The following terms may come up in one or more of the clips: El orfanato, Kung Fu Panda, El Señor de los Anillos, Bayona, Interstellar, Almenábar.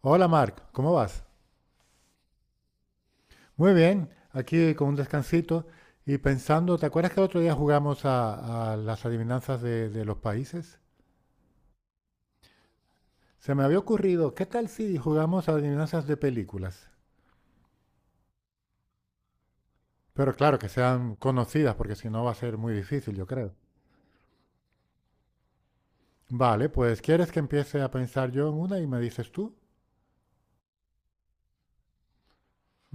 Hola Marc, ¿cómo vas? Muy bien, aquí con un descansito y pensando, ¿te acuerdas que el otro día jugamos a las adivinanzas de los países? Se me había ocurrido, ¿qué tal si jugamos a adivinanzas de películas? Pero claro, que sean conocidas, porque si no va a ser muy difícil, yo creo. Vale, pues ¿quieres que empiece a pensar yo en una y me dices tú?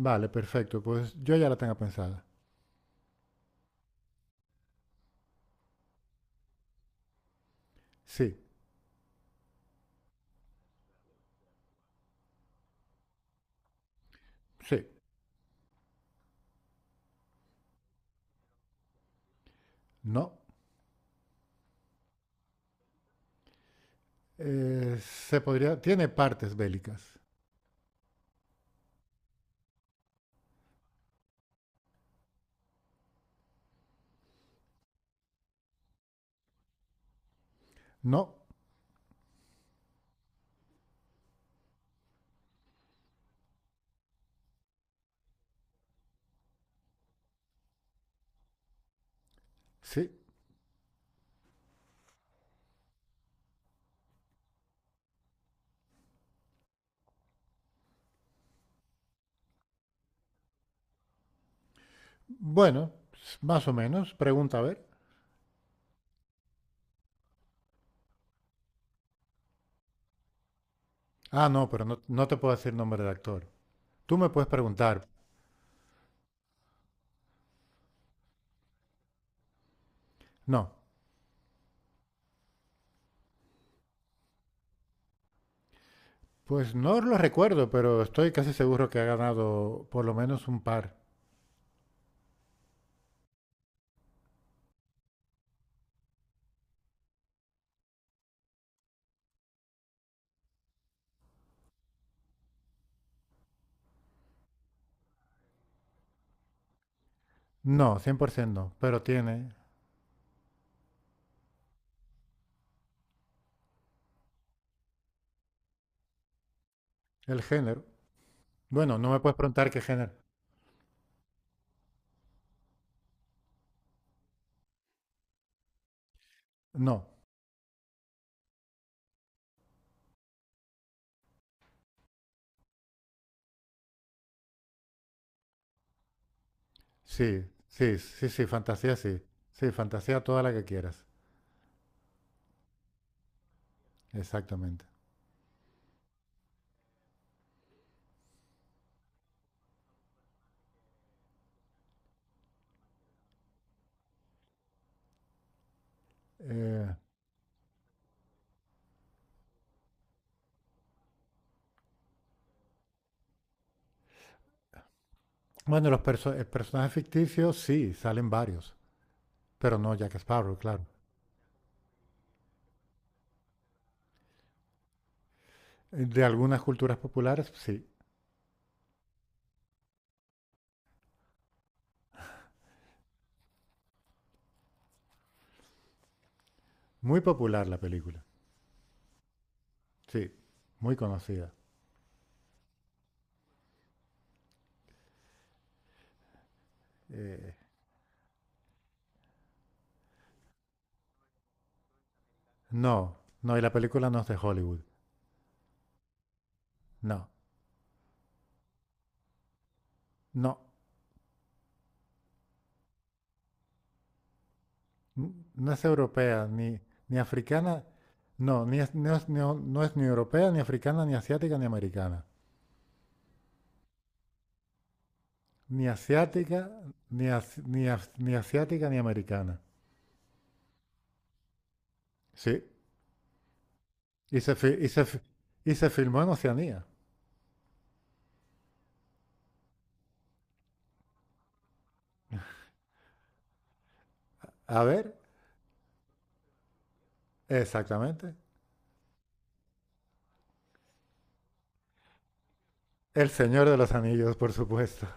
Vale, perfecto, pues yo ya la tengo pensada. Sí, sí, no. Se podría, tiene partes bélicas. No, sí, bueno, más o menos. Pregunta, a ver. Ah, no, pero no, no te puedo decir nombre de actor. Tú me puedes preguntar. No, pues no lo recuerdo, pero estoy casi seguro que ha ganado por lo menos un par. No, 100% no, pero tiene el género. Bueno, no me puedes preguntar qué género. No, sí, sí, sí. Sí, fantasía toda la que quieras. Exactamente. Eh, bueno, personajes ficticios sí, salen varios, pero no Jack Sparrow, claro. De algunas culturas populares, sí. Muy popular la película, sí. Muy conocida. Eh, no, no, y la película no es de Hollywood. No, no. No es europea, ni africana. No, ni es- no, no es ni europea, ni africana, ni asiática, ni americana. Ni asiática, ni asiática, ni americana. Sí. Y se fi- y se filmó en Oceanía. A ver, exactamente. El Señor de los Anillos, por supuesto.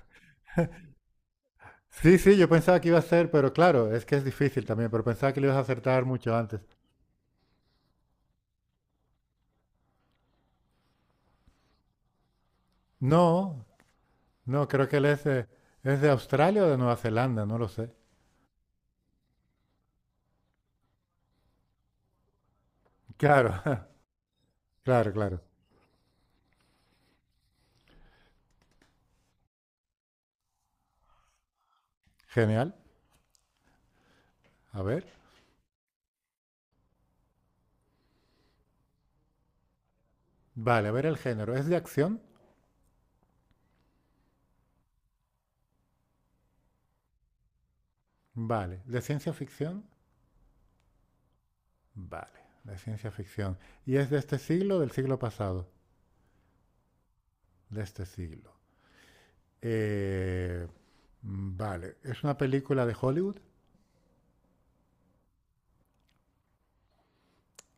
Sí, sí, yo pensaba que iba a ser, pero claro, es que es difícil también, pero pensaba que lo ibas a acertar mucho antes. No, no, creo que él es de Australia o de Nueva Zelanda, no lo sé. Claro, claro, claro. Genial. A ver. Vale, a ver el género. ¿Es de acción? Vale. ¿De ciencia ficción? Vale, de ciencia ficción. ¿Y es de este siglo o del siglo pasado? De este siglo. Eh, vale. ¿Es una película de Hollywood?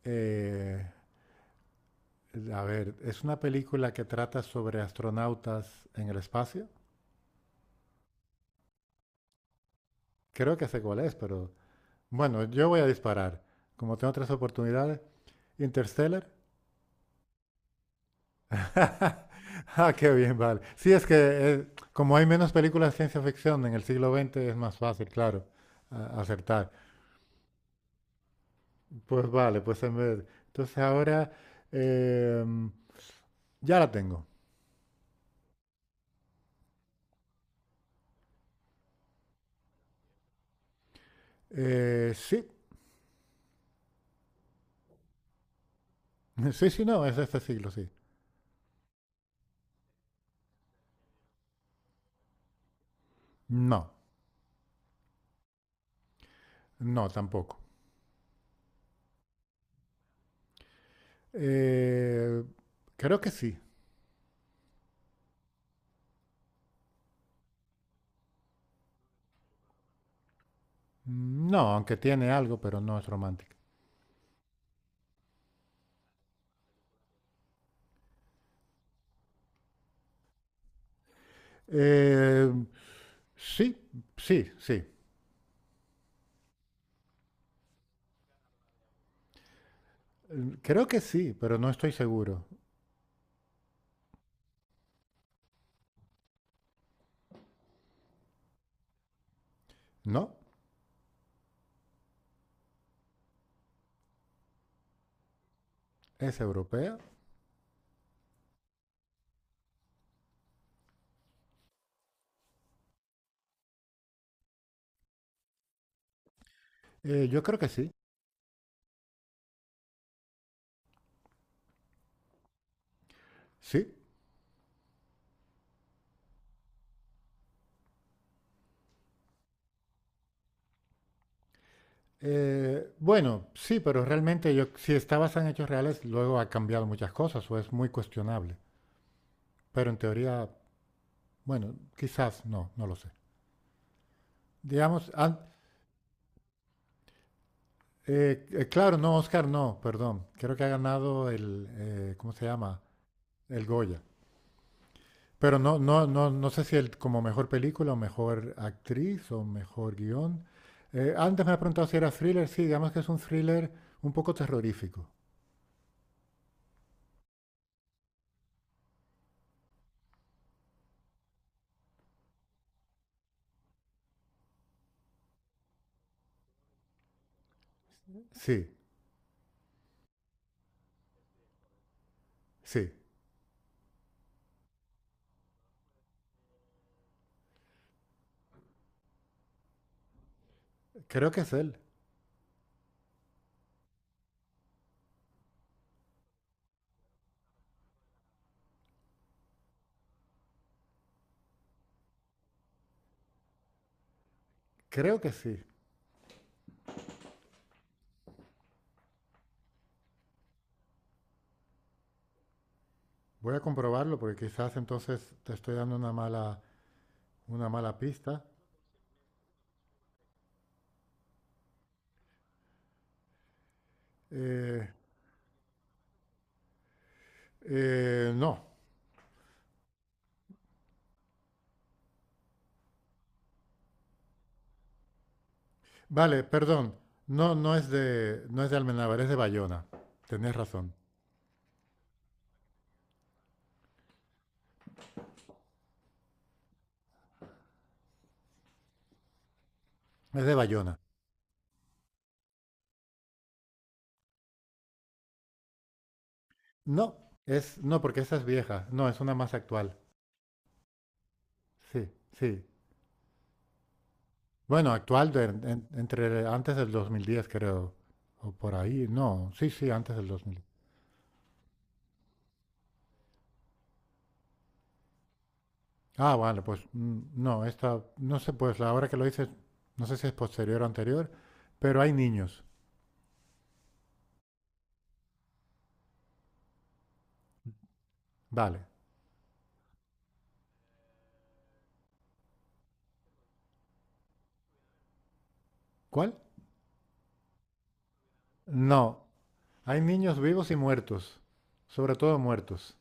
Eh, A ver, es una película que trata sobre astronautas en el espacio. Creo que sé cuál es, pero bueno, yo voy a disparar. Como tengo tres oportunidades, Interstellar. Ah, qué bien, vale. Sí, es que como hay menos películas de ciencia ficción en el siglo XX es más fácil, claro, acertar. Pues vale, pues en vez. Entonces ahora eh, ya la tengo. Sí, sí, sí, no, es de este siglo, sí. No, no, tampoco. Eh, Creo que sí. No, aunque tiene algo, pero no es romántica. Eh, sí, sí, sí. Creo que sí, pero no estoy seguro. ¿No? ¿Es europea? Yo creo que sí, sí. Bueno, sí, pero realmente yo, si está basada en hechos reales, luego ha cambiado muchas cosas o es muy cuestionable. Pero en teoría, bueno, quizás no, no lo sé. Digamos, claro, no, Oscar, no, perdón. Creo que ha ganado el, ¿cómo se llama? El Goya. Pero no, no, no, no sé si el, como mejor película o mejor actriz o mejor guión. Antes me ha preguntado si era thriller. Sí, digamos que es un thriller un poco terrorífico. Sí, sí. Creo que es él. Creo que sí. Voy a comprobarlo porque quizás entonces te estoy dando una mala pista. Eh, no. Vale, perdón. No, no es de, no es de Almenábar, es de Bayona. Tenés razón. Es de Bayona. No, es, no, porque esa es vieja. No, es una más actual. Sí, sí. Bueno, entre antes del 2010, creo, o por ahí. No, sí, sí, antes del 2010. Ah, vale, pues no, esta, no sé, pues la hora que lo dices, no sé si es posterior o anterior, pero hay niños. Vale. ¿Cuál? No, hay niños vivos y muertos, sobre todo muertos,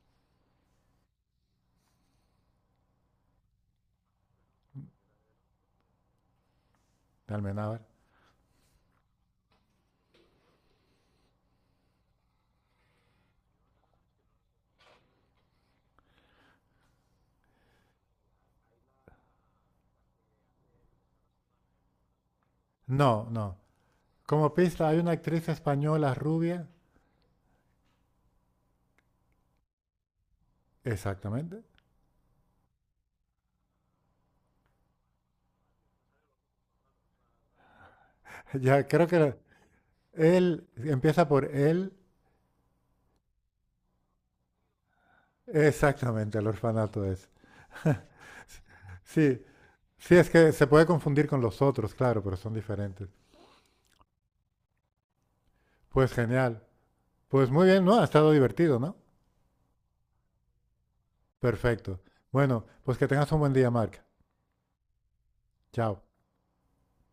de Almenábar. No, no. Como pista hay una actriz española rubia, exactamente. Ya creo que él empieza por él. Exactamente, el orfanato es. Sí, sí, es que se puede confundir con los otros, claro, pero son diferentes. Pues genial. Pues muy bien, ¿no? Ha estado divertido, ¿no? Perfecto. Bueno, pues que tengas un buen día, Marc. Chao.